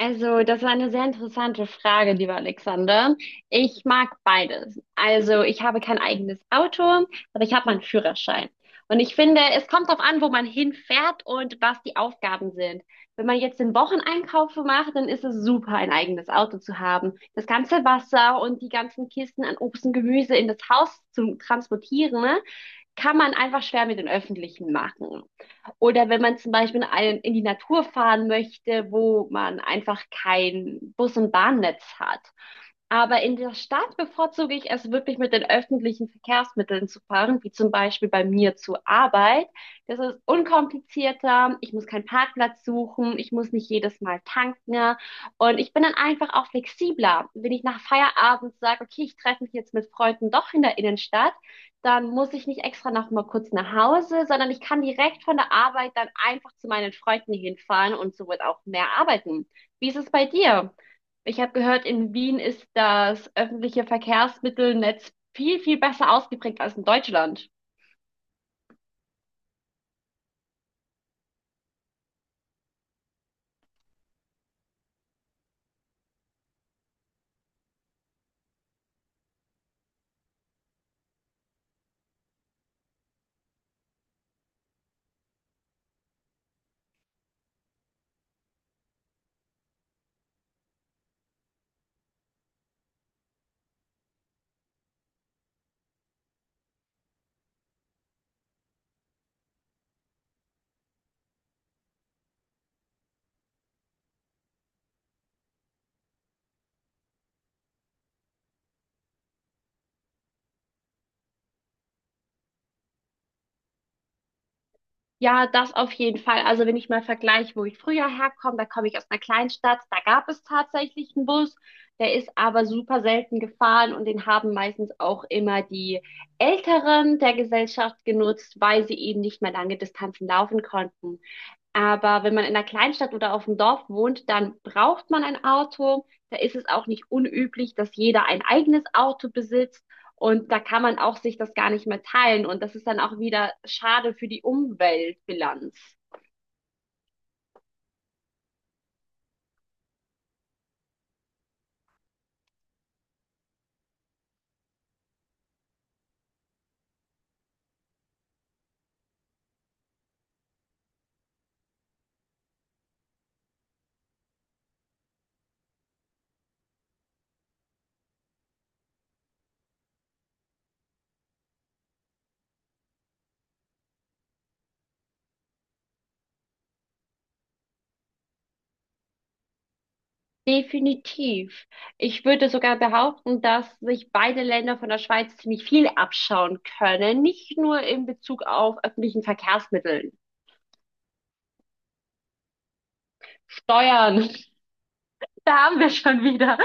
Also, das war eine sehr interessante Frage, lieber Alexander. Ich mag beides. Also, ich habe kein eigenes Auto, aber ich habe meinen Führerschein. Und ich finde, es kommt darauf an, wo man hinfährt und was die Aufgaben sind. Wenn man jetzt den Wocheneinkauf macht, dann ist es super, ein eigenes Auto zu haben. Das ganze Wasser und die ganzen Kisten an Obst und Gemüse in das Haus zu transportieren, ne? Kann man einfach schwer mit den öffentlichen machen. Oder wenn man zum Beispiel die Natur fahren möchte, wo man einfach kein Bus- und Bahnnetz hat. Aber in der Stadt bevorzuge ich es wirklich mit den öffentlichen Verkehrsmitteln zu fahren, wie zum Beispiel bei mir zur Arbeit. Das ist unkomplizierter. Ich muss keinen Parkplatz suchen. Ich muss nicht jedes Mal tanken. Und ich bin dann einfach auch flexibler. Wenn ich nach Feierabend sage, okay, ich treffe mich jetzt mit Freunden doch in der Innenstadt, dann muss ich nicht extra noch mal kurz nach Hause, sondern ich kann direkt von der Arbeit dann einfach zu meinen Freunden hinfahren und so wird auch mehr arbeiten. Wie ist es bei dir? Ich habe gehört, in Wien ist das öffentliche Verkehrsmittelnetz viel, viel besser ausgeprägt als in Deutschland. Ja, das auf jeden Fall. Also wenn ich mal vergleiche, wo ich früher herkomme, da komme ich aus einer Kleinstadt, da gab es tatsächlich einen Bus, der ist aber super selten gefahren und den haben meistens auch immer die Älteren der Gesellschaft genutzt, weil sie eben nicht mehr lange Distanzen laufen konnten. Aber wenn man in einer Kleinstadt oder auf dem Dorf wohnt, dann braucht man ein Auto. Da ist es auch nicht unüblich, dass jeder ein eigenes Auto besitzt. Und da kann man auch sich das gar nicht mehr teilen. Und das ist dann auch wieder schade für die Umweltbilanz. Definitiv. Ich würde sogar behaupten, dass sich beide Länder von der Schweiz ziemlich viel abschauen können, nicht nur in Bezug auf öffentlichen Verkehrsmitteln. Steuern, da haben wir schon wieder.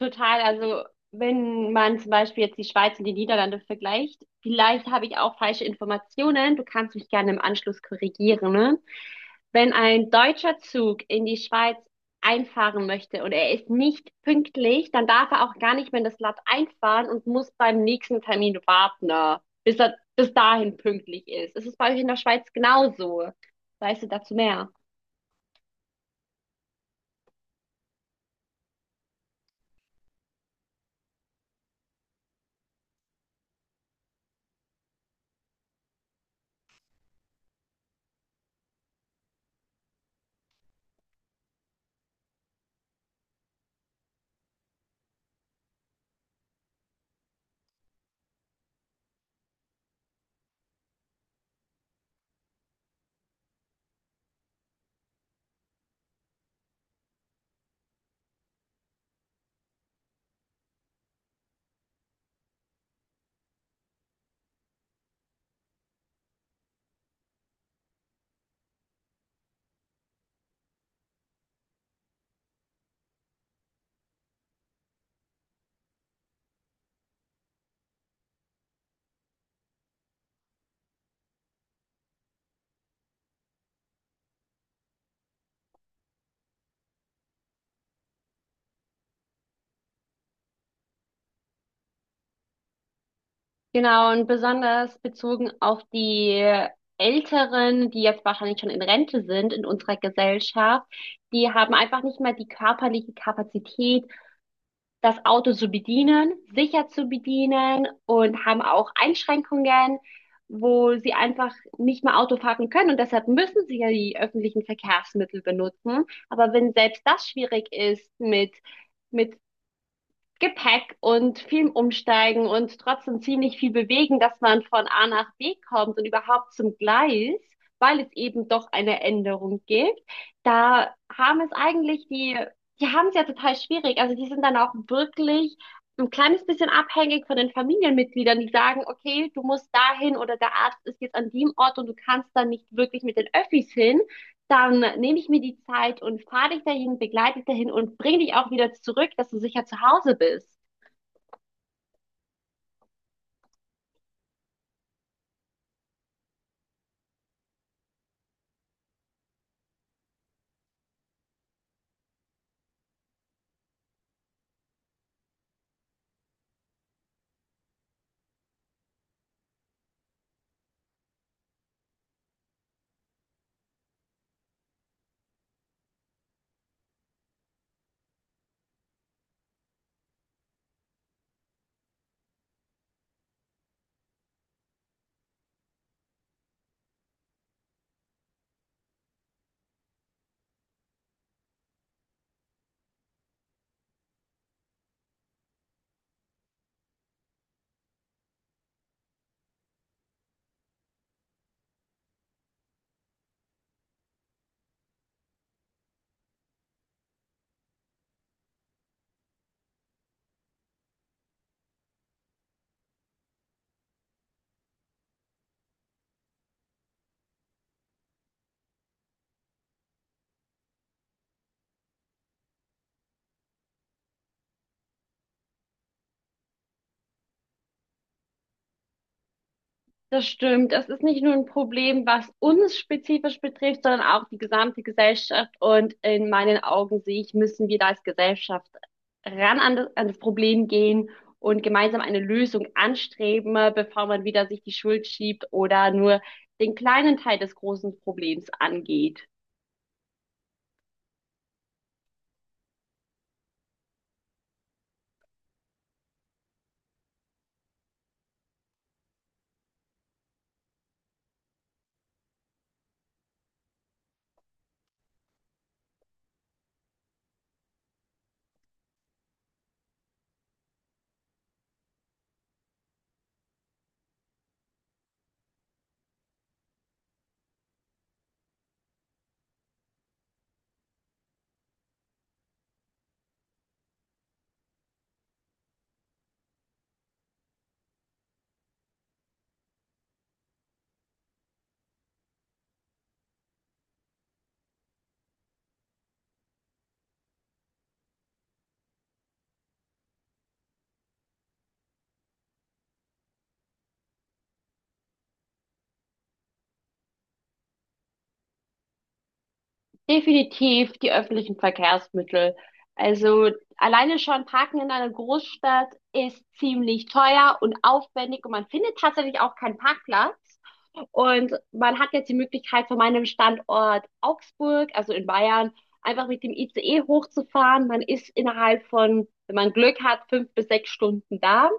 Total, also wenn man zum Beispiel jetzt die Schweiz und die Niederlande vergleicht, vielleicht habe ich auch falsche Informationen, du kannst mich gerne im Anschluss korrigieren, ne? Wenn ein deutscher Zug in die Schweiz einfahren möchte und er ist nicht pünktlich, dann darf er auch gar nicht mehr in das Land einfahren und muss beim nächsten Termin warten, ne, bis er bis dahin pünktlich ist. Ist es bei euch in der Schweiz genauso? Weißt du dazu mehr? Genau, und besonders bezogen auf die Älteren, die jetzt wahrscheinlich schon in Rente sind in unserer Gesellschaft, die haben einfach nicht mehr die körperliche Kapazität, das Auto zu bedienen, sicher zu bedienen und haben auch Einschränkungen, wo sie einfach nicht mehr Auto fahren können. Und deshalb müssen sie ja die öffentlichen Verkehrsmittel benutzen. Aber wenn selbst das schwierig ist mit Gepäck und viel umsteigen und trotzdem ziemlich viel bewegen, dass man von A nach B kommt und überhaupt zum Gleis, weil es eben doch eine Änderung gibt. Da haben es eigentlich die haben es ja total schwierig. Also die sind dann auch wirklich ein kleines bisschen abhängig von den Familienmitgliedern, die sagen, okay, du musst dahin oder der Arzt ist jetzt an dem Ort und du kannst da nicht wirklich mit den Öffis hin, dann nehme ich mir die Zeit und fahre dich dahin, begleite dich dahin und bringe dich auch wieder zurück, dass du sicher zu Hause bist. Das stimmt. Das ist nicht nur ein Problem, was uns spezifisch betrifft, sondern auch die gesamte Gesellschaft. Und in meinen Augen sehe ich, müssen wir da als Gesellschaft ran an an das Problem gehen und gemeinsam eine Lösung anstreben, bevor man wieder sich die Schuld schiebt oder nur den kleinen Teil des großen Problems angeht. Definitiv die öffentlichen Verkehrsmittel. Also alleine schon Parken in einer Großstadt ist ziemlich teuer und aufwendig und man findet tatsächlich auch keinen Parkplatz. Und man hat jetzt die Möglichkeit, von meinem Standort Augsburg, also in Bayern, einfach mit dem ICE hochzufahren. Man ist innerhalb von, wenn man Glück hat, 5 bis 6 Stunden da.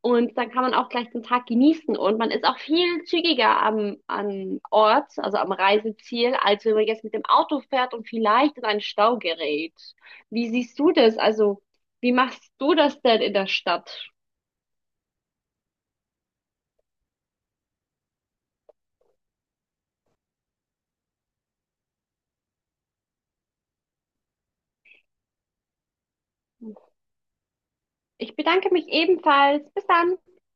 Und dann kann man auch gleich den Tag genießen und man ist auch viel zügiger am Ort, also am Reiseziel, als wenn man jetzt mit dem Auto fährt und vielleicht in einen Stau gerät. Wie siehst du das? Also, wie machst du das denn in der Stadt? Ich bedanke mich ebenfalls. Bis dann.